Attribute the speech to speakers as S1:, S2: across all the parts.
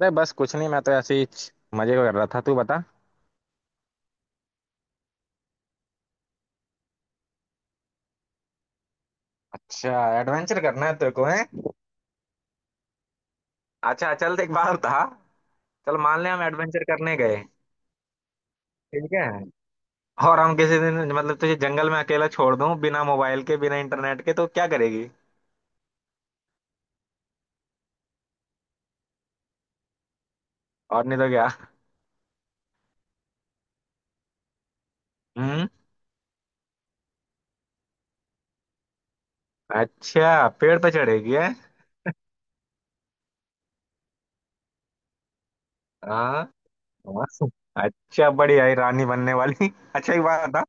S1: अरे बस कुछ नहीं, मैं तो ऐसे ही मजे कर रहा था। तू बता। अच्छा एडवेंचर करना है तेरे को, है। अच्छा चल, एक बार था। चल मान ले हम एडवेंचर करने गए। ठीक है। और हम किसी दिन मतलब तुझे जंगल में अकेला छोड़ दूं, बिना मोबाइल के बिना इंटरनेट के, तो क्या करेगी? और नहीं तो क्या। हम्म। अच्छा, पेड़ पे चढ़ेगी है? हाँ हाँ। अच्छा बढ़िया, ये रानी बनने वाली। अच्छा एक बात।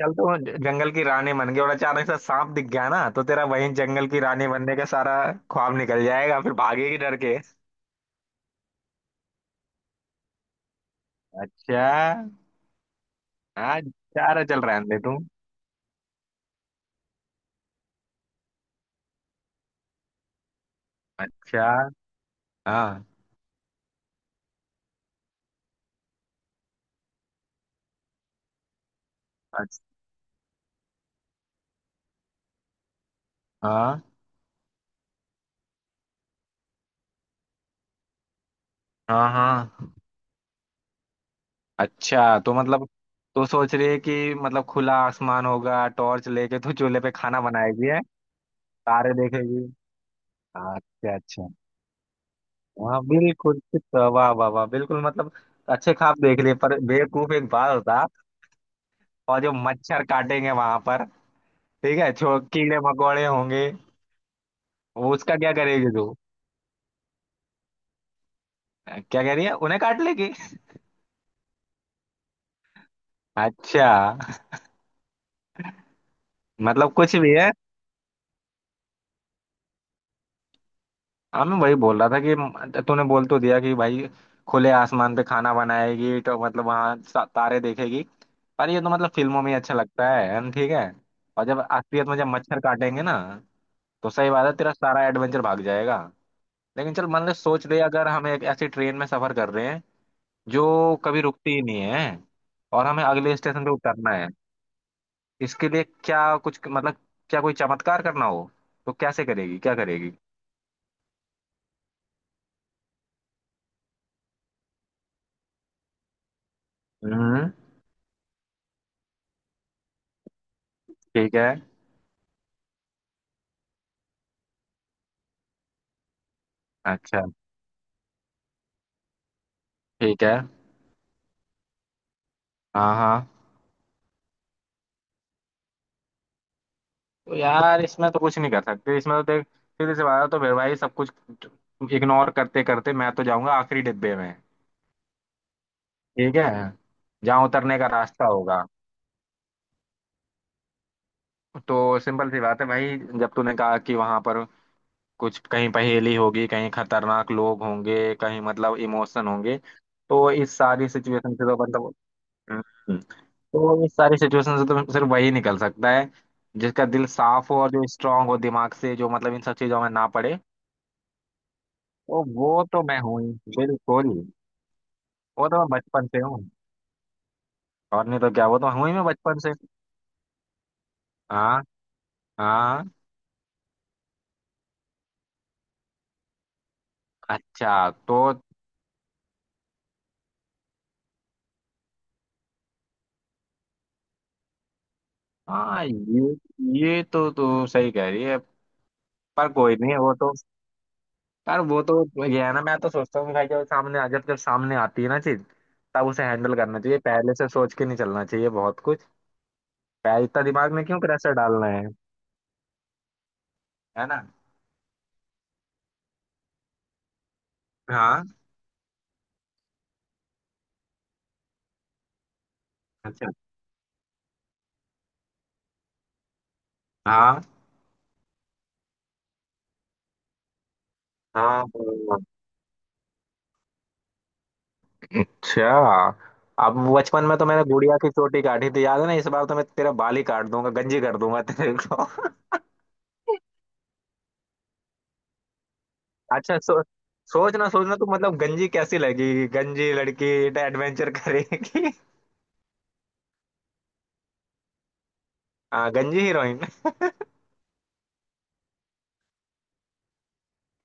S1: चल तो वो जंगल की रानी बन गई और अचानक से सांप दिख गया ना, तो तेरा वही जंगल की रानी बनने का सारा ख्वाब निकल जाएगा, फिर भागेगी डर के। अच्छा। हाँ, चारा चल रहा है अंधे तू। अच्छा। हाँ। अच्छा, हाँ हाँ हाँ। अच्छा तो मतलब, तो सोच रही है कि मतलब खुला आसमान होगा, टॉर्च लेके तो चूल्हे पे खाना बनाएगी है? तारे देखेगी। अच्छा अच्छा। हाँ बिल्कुल। वाह वाह वाह, बिल्कुल मतलब। अच्छे ख्वाब देख लिए पर बेवकूफ एक बात होता। और जो मच्छर काटेंगे वहां पर, ठीक है, छो कीड़े मकोड़े होंगे, वो उसका क्या करेगी तू? क्या कह रही है, उन्हें काट लेगी? अच्छा। मतलब कुछ भी है। हाँ, मैं वही बोल रहा था कि तूने बोल तो दिया कि भाई खुले आसमान पे खाना बनाएगी, तो मतलब वहां तारे देखेगी। पर ये तो मतलब फिल्मों में ही अच्छा लगता है, ठीक है। और जब असलियत में जब मच्छर काटेंगे ना, तो सही बात है, तेरा सारा एडवेंचर भाग जाएगा। लेकिन चल, मान ले, सोच ले, अगर हम एक ऐसी ट्रेन में सफर कर रहे हैं जो कभी रुकती ही नहीं है, और हमें अगले स्टेशन पे उतरना है, इसके लिए क्या कुछ मतलब, क्या कोई चमत्कार करना हो तो कैसे करेगी, क्या करेगी? हम्म। ठीक है। अच्छा। ठीक है। हाँ हाँ। तो यार इसमें तो कुछ नहीं कर सकते, इसमें तो देख सीधे से बात है, तो फिर भाई सब कुछ इग्नोर करते करते मैं तो जाऊंगा आखिरी डिब्बे में। ठीक है। जहाँ उतरने का रास्ता होगा। तो सिंपल सी बात है भाई, जब तूने कहा कि वहां पर कुछ कहीं पहेली होगी, कहीं खतरनाक लोग होंगे, कहीं मतलब इमोशन होंगे, तो इस सारी सिचुएशन से तो मतलब हम्म, तो इस सारी सिचुएशन से तो सिर्फ वही निकल सकता है जिसका दिल साफ हो और जो स्ट्रांग हो दिमाग से, जो मतलब इन सब चीजों में ना पड़े। तो वो तो मैं हूँ ही बिल्कुल। वो तो मैं बचपन से हूँ। और नहीं तो क्या, वो तो हूँ ही मैं बचपन से। हाँ हाँ। अच्छा तो हाँ, ये तो तू सही कह रही है। पर कोई नहीं, वो तो यार, वो तो ये है ना। मैं तो सोचता हूँ कि भाई जब जब सामने आती है ना चीज, तब उसे हैंडल करना चाहिए, पहले से सोच के नहीं चलना चाहिए बहुत कुछ। पहले इतना दिमाग में क्यों प्रेशर डालना है ना। हाँ। अच्छा। हाँ हाँ हाँ। अच्छा। अब बचपन में तो मैंने गुड़िया की चोटी काटी थी, याद है ना। इस बार तो मैं तेरा बाल ही काट दूंगा, गंजी कर दूंगा तेरे को। अच्छा सोचना सोचना, तो मतलब गंजी कैसी लगेगी, गंजी लड़की एडवेंचर करेगी। हाँ, गंजी हीरोइन।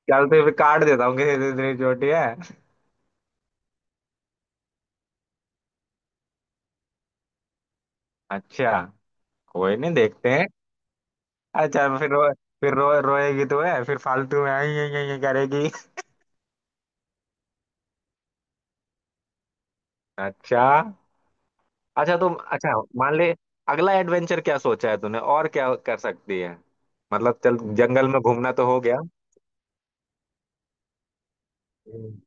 S1: चल तो फिर काट देता हूँ किसी दिन तेरी चोटी, है। अच्छा। कोई नहीं, देखते हैं। अच्छा। फिर रो रोएगी तो है, फिर फालतू में आई आई आई आई करेगी। अच्छा। अच्छा तुम अच्छा। मान ले, अगला एडवेंचर क्या सोचा है तूने और क्या कर सकती है। मतलब चल, जंगल में घूमना तो हो गया। हम्म।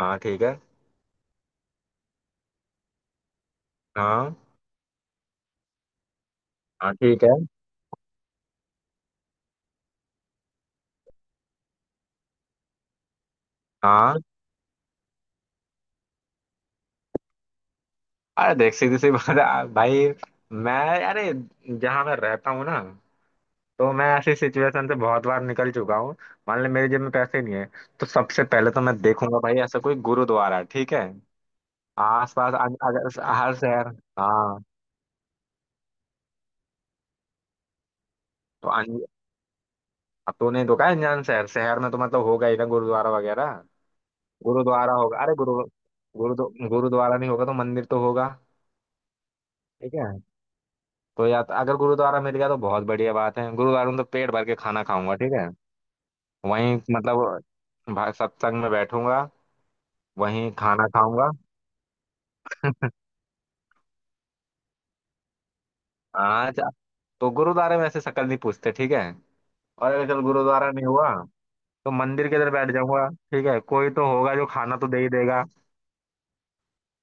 S1: हाँ ठीक है। हाँ हाँ। ठीक है। हाँ। अरे देख, सीधी सी बात है, भाई मैं अरे जहाँ मैं रहता हूँ ना, तो मैं ऐसी सिचुएशन से बहुत बार निकल चुका हूँ। मान ले मेरे जेब में पैसे नहीं है, तो सबसे पहले तो मैं देखूंगा भाई ऐसा कोई गुरुद्वारा है, ठीक है, आसपास। अगर हर शहर, हाँ। तो अब तो नहीं रुका है अनजान शहर शहर में, तो मतलब होगा ही ना गुरुद्वारा वगैरह। गुरुद्वारा होगा। अरे, गुरु गुरु गुरुद्वारा नहीं होगा तो मंदिर तो होगा। ठीक है। तो या तो अगर गुरुद्वारा मिल गया तो बहुत बढ़िया बात है, गुरुद्वारा में तो पेट भर के खाना खाऊंगा। ठीक है। वहीं मतलब सत्संग में बैठूंगा, वहीं खाना खाऊंगा। हाँ, तो गुरुद्वारे में ऐसे शक्ल नहीं पूछते, ठीक है। और अगर चल गुरुद्वारा नहीं हुआ, तो मंदिर के अंदर बैठ जाऊंगा। ठीक है, कोई तो होगा जो खाना तो दे ही देगा।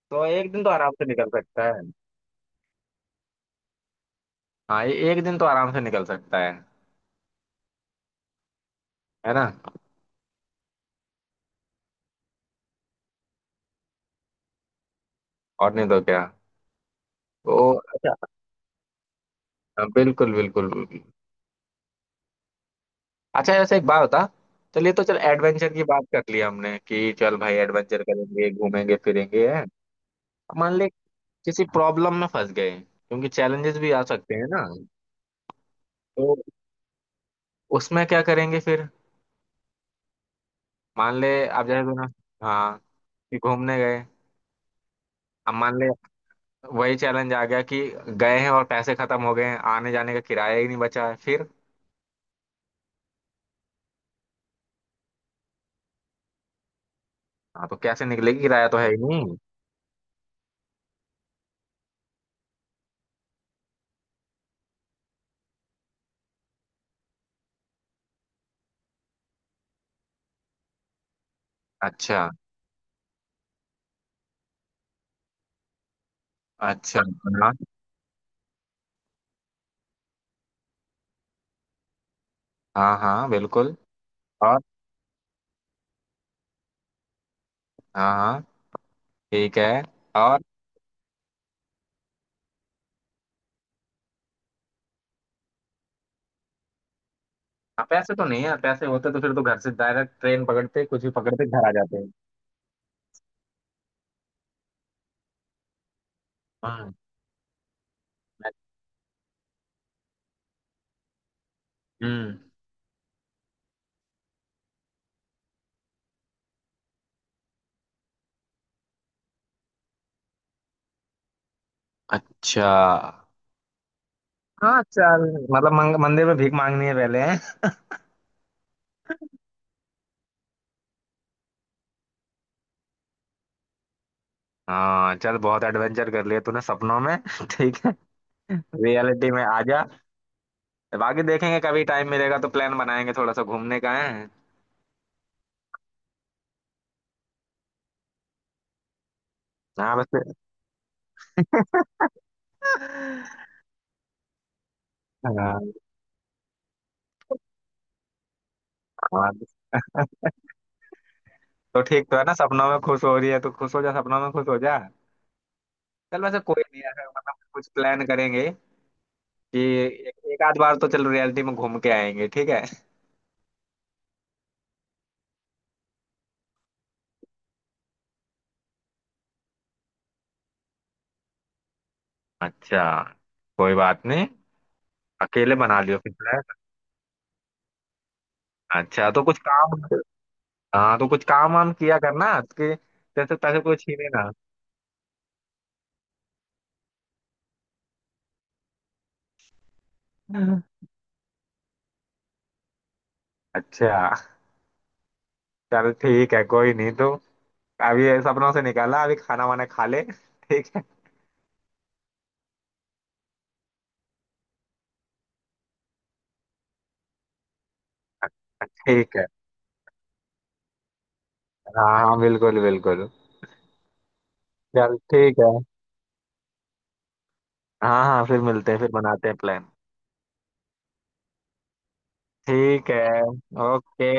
S1: तो एक दिन तो आराम से निकल सकता है। हाँ, ये एक दिन तो आराम से निकल सकता है ना। और नहीं तो क्या। तो अच्छा। हाँ, बिल्कुल बिल्कुल बिल्कुल। अच्छा ऐसे एक बात बता। चलिए तो चल, एडवेंचर की बात कर ली हमने कि चल भाई एडवेंचर करेंगे, घूमेंगे फिरेंगे, है। मान ले किसी प्रॉब्लम में फंस गए, क्योंकि चैलेंजेस भी आ सकते हैं ना, तो उसमें क्या करेंगे फिर। मान ले आप जैसे ना, हाँ, कि घूमने गए। अब मान ले वही चैलेंज आ गया कि गए हैं और पैसे खत्म हो गए हैं, आने जाने का किराया ही नहीं बचा है फिर। हाँ, तो कैसे निकलेगी, किराया तो है ही नहीं। अच्छा अच्छा। हाँ हाँ हाँ बिल्कुल। और हाँ हाँ, ठीक है। और हाँ, पैसे तो नहीं है, पैसे होते तो फिर तो घर से डायरेक्ट ट्रेन पकड़ते, कुछ भी पकड़ते, घर आ जाते हैं। हाँ। हम्म। अच्छा। हाँ चल, मतलब मंदिर में भीख मांगनी है पहले। हाँ चल, बहुत एडवेंचर कर लिया तूने सपनों में। ठीक है, रियलिटी में आ जा। बाकी देखेंगे कभी टाइम मिलेगा तो प्लान बनाएंगे थोड़ा सा घूमने का, है। हाँ बस। हाँ हाँ। तो ठीक तो है ना, सपनों में खुश हो रही है तो खुश हो जा, सपनों में खुश हो जा। चल वैसे कोई नहीं है, मतलब कुछ प्लान करेंगे कि एक, एक आध बार तो चल रियलिटी में घूम के आएंगे, ठीक है। अच्छा, कोई बात नहीं, अकेले बना लियो फिर प्लान। अच्छा तो कुछ काम। हाँ तो कुछ काम वाम किया करना कि जैसे पैसे कोई छीने ना। अच्छा चल ठीक है, कोई नहीं तो अभी ये सपनों से निकाला, अभी खाना वाना खा ले। ठीक है। ठीक है। हाँ हाँ, बिल्कुल बिल्कुल। चल ठीक है। हाँ हाँ, फिर मिलते हैं, फिर बनाते हैं प्लान। ठीक है। ओके।